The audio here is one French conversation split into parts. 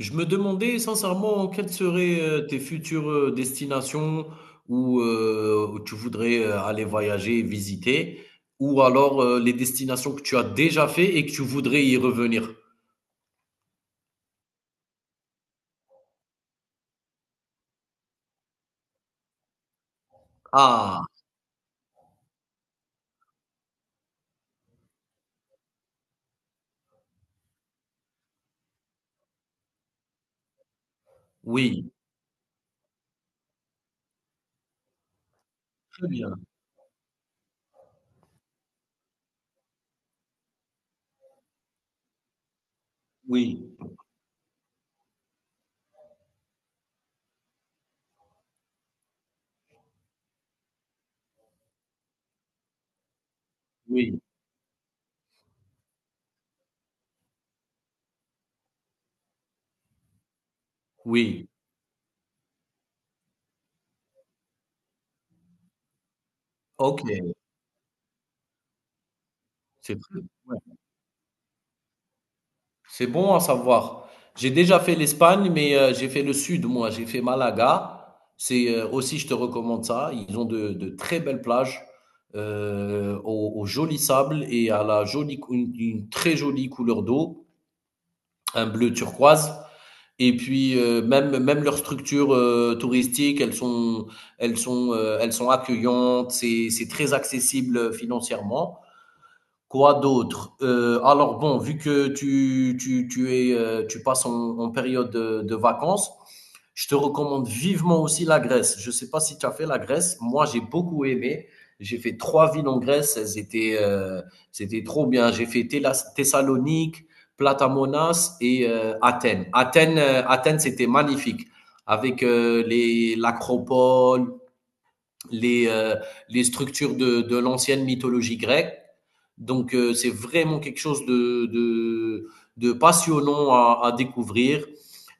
Je me demandais sincèrement quelles seraient tes futures destinations où, où tu voudrais aller voyager et visiter, ou alors les destinations que tu as déjà fait et que tu voudrais y revenir. Ah, oui, très bien. Oui, oui, oui. Ok, c'est très bien. C'est bon à savoir. J'ai déjà fait l'Espagne, mais j'ai fait le sud, moi. J'ai fait Malaga. C'est aussi, je te recommande ça. Ils ont de très belles plages au, au joli sable et à la jolie, une très jolie couleur d'eau, un bleu turquoise. Et puis même leurs structures touristiques, elles sont accueillantes. C'est très accessible financièrement. Quoi d'autre? Alors bon, vu que tu es, tu passes en, en période de vacances, je te recommande vivement aussi la Grèce. Je ne sais pas si tu as fait la Grèce. Moi, j'ai beaucoup aimé. J'ai fait trois villes en Grèce. Elles étaient, c'était trop bien. J'ai fait Thessalonique, Platamonas et Athènes. Athènes, Athènes, c'était magnifique. Avec les, l'acropole, les, euh, les structures de l'ancienne mythologie grecque. Donc c'est vraiment quelque chose de passionnant à découvrir.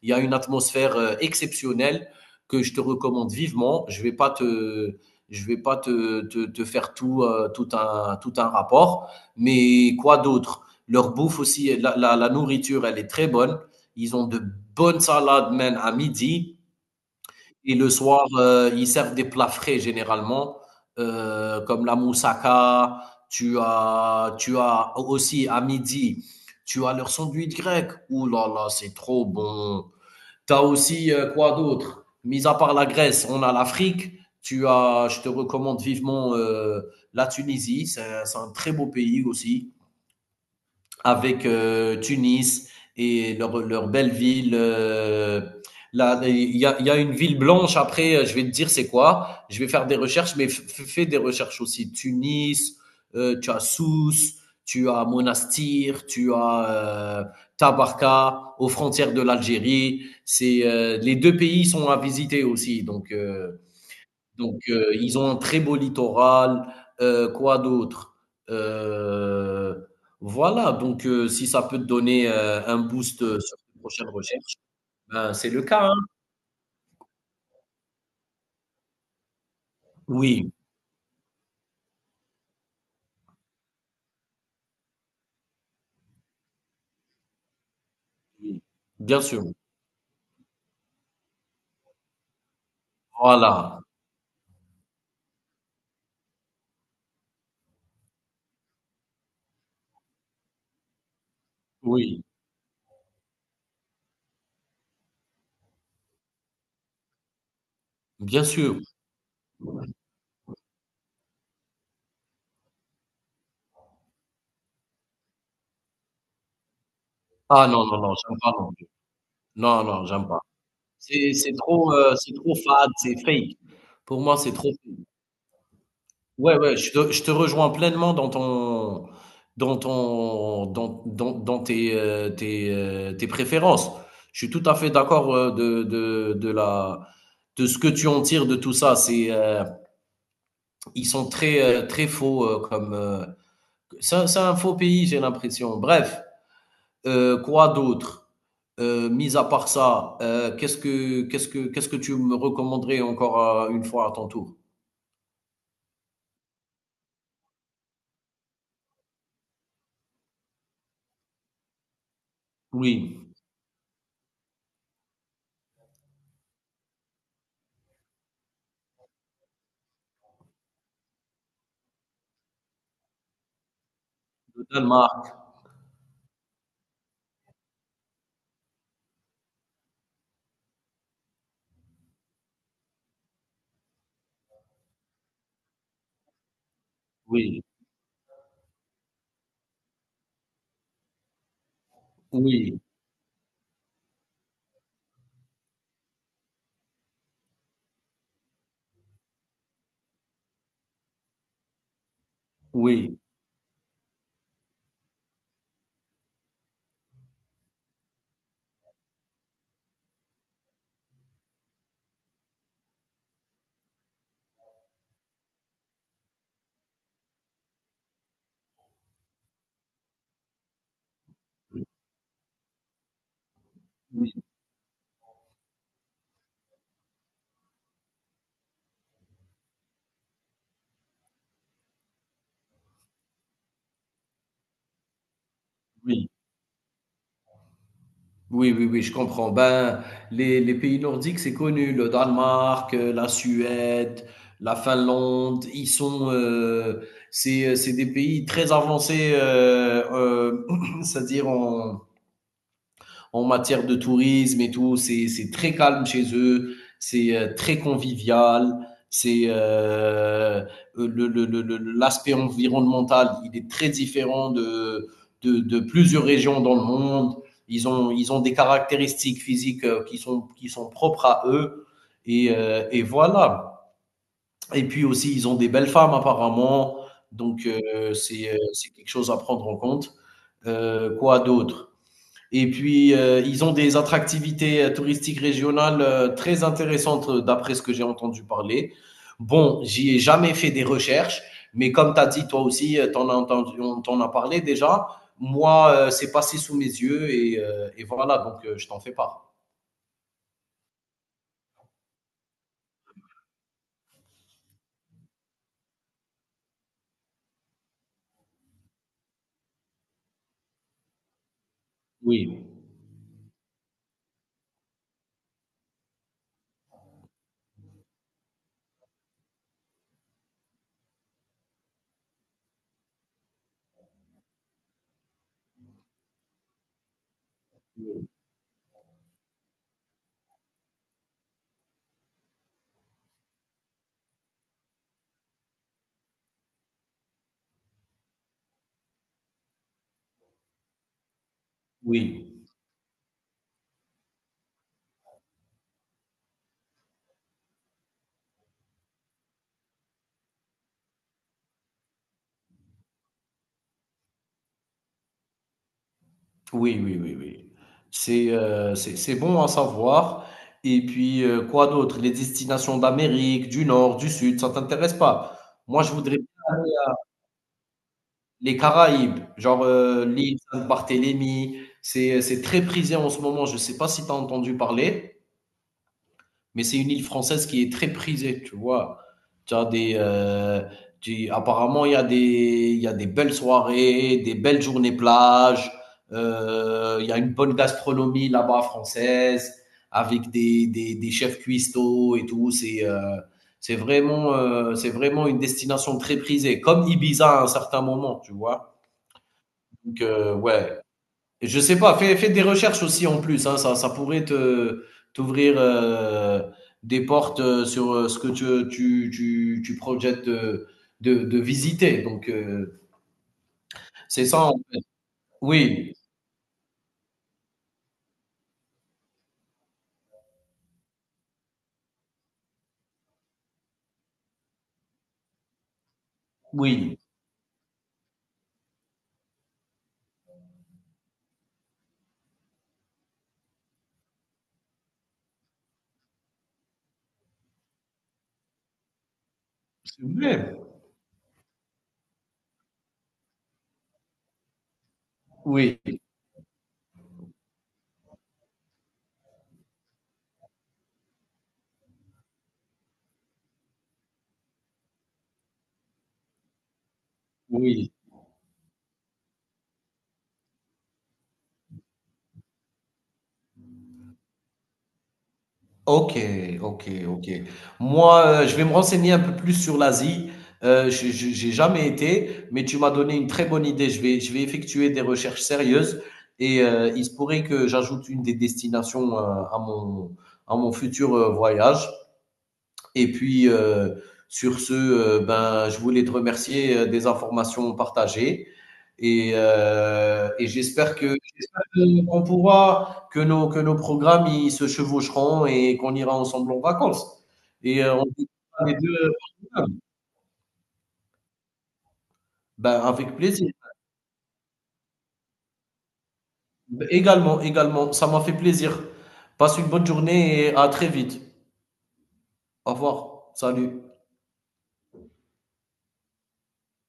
Il y a une atmosphère exceptionnelle que je te recommande vivement. Je ne vais pas te, je ne vais pas te faire tout un rapport, mais quoi d'autre? Leur bouffe aussi, la nourriture, elle est très bonne. Ils ont de bonnes salades même à midi et le soir, ils servent des plats frais généralement, comme la moussaka. Tu as aussi à midi, tu as leurs sandwichs grecs. Ouh là là, c'est trop bon. Tu as aussi, quoi d'autre? Mis à part la Grèce, on a l'Afrique. Tu as Je te recommande vivement, la Tunisie. C'est un très beau pays aussi avec Tunis et leur belle ville. Là, il y a une ville blanche. Après, je vais te dire c'est quoi. Je vais faire des recherches, mais fais des recherches aussi. Tunis, tu as Sousse, tu as Monastir, tu as euh, Tabarka, aux frontières de l'Algérie. C'est les deux pays sont à visiter aussi. Donc, ils ont un très beau littoral. Quoi d'autre? Euh, voilà, donc si ça peut te donner un boost sur tes prochaines recherches, ben, c'est le cas, hein. Oui, oui, bien sûr. Voilà, oui, bien sûr. Ah non, non, non, j'aime pas non plus. Non, non, j'aime pas. C'est trop, c'est trop fade, c'est fake. Pour moi, c'est trop. Ouais, ouais, je te rejoins pleinement dans ton, dans tes, tes, tes préférences. Je suis tout à fait d'accord de la, de ce que tu en tires de tout ça. C'est, ils sont très, très faux comme. C'est un faux pays, j'ai l'impression. Bref, quoi d'autre? Mis à part ça, qu'est-ce que tu me recommanderais encore une fois à ton tour? Oui, le Danemark. Oui, oui, oui. Oui, oui. Oui, oui, oui, je comprends. Ben, les pays nordiques, c'est connu. Le Danemark, la Suède, la Finlande, ils sont, c'est des pays très avancés, c'est-à-dire en, en matière de tourisme et tout. C'est très calme chez eux, c'est très convivial, c'est euh, le- le- le- l'aspect environnemental, il est très différent de plusieurs régions dans le monde. Ils ont des caractéristiques physiques qui sont propres à eux. Et voilà. Et puis aussi, ils ont des belles femmes apparemment. Donc, c'est quelque chose à prendre en compte. Quoi d'autre? Et puis, ils ont des attractivités touristiques régionales très intéressantes d'après ce que j'ai entendu parler. Bon, j'y ai jamais fait des recherches, mais comme tu as dit, toi aussi, tu en as entendu, on t'en a parlé déjà. Moi, c'est passé sous mes yeux et voilà, donc je t'en fais part. Oui, oui, oui, oui, oui, oui. C'est c'est bon à savoir. Et puis, quoi d'autre? Les destinations d'Amérique, du Nord, du Sud, ça t'intéresse pas? Moi, je voudrais les Caraïbes, genre, l'île Sainte-Barthélemy, c'est très prisé en ce moment. Je ne sais pas si tu as entendu parler, mais c'est une île française qui est très prisée, tu vois? Tu as des, tu apparemment, il y a des belles soirées, des belles journées plage, il y a une bonne gastronomie là-bas française, avec des chefs cuistots et tout. C'est, c'est vraiment une destination très prisée, comme Ibiza à un certain moment, tu vois? Donc, ouais. Et je sais pas, fais des recherches aussi en plus, hein, ça pourrait te t'ouvrir des portes sur ce que tu projettes de visiter. Donc, c'est ça en fait. Oui, oui, c'est vrai. Oui, oui. OK, OK, OK. Moi, je vais me renseigner un peu plus sur l'Asie. Je J'ai jamais été, mais tu m'as donné une très bonne idée. Je vais effectuer des recherches sérieuses et il se pourrait que j'ajoute une des destinations, à mon à mon futur, voyage. Et puis, sur ce, ben, je voulais te remercier des informations partagées. Et j'espère que qu'on pourra, que nos programmes ils se chevaucheront et qu'on ira ensemble en vacances. Et on fera les deux. Ben, avec plaisir. Également, également, ça m'a fait plaisir. Passe une bonne journée et à très vite. Au revoir. Salut.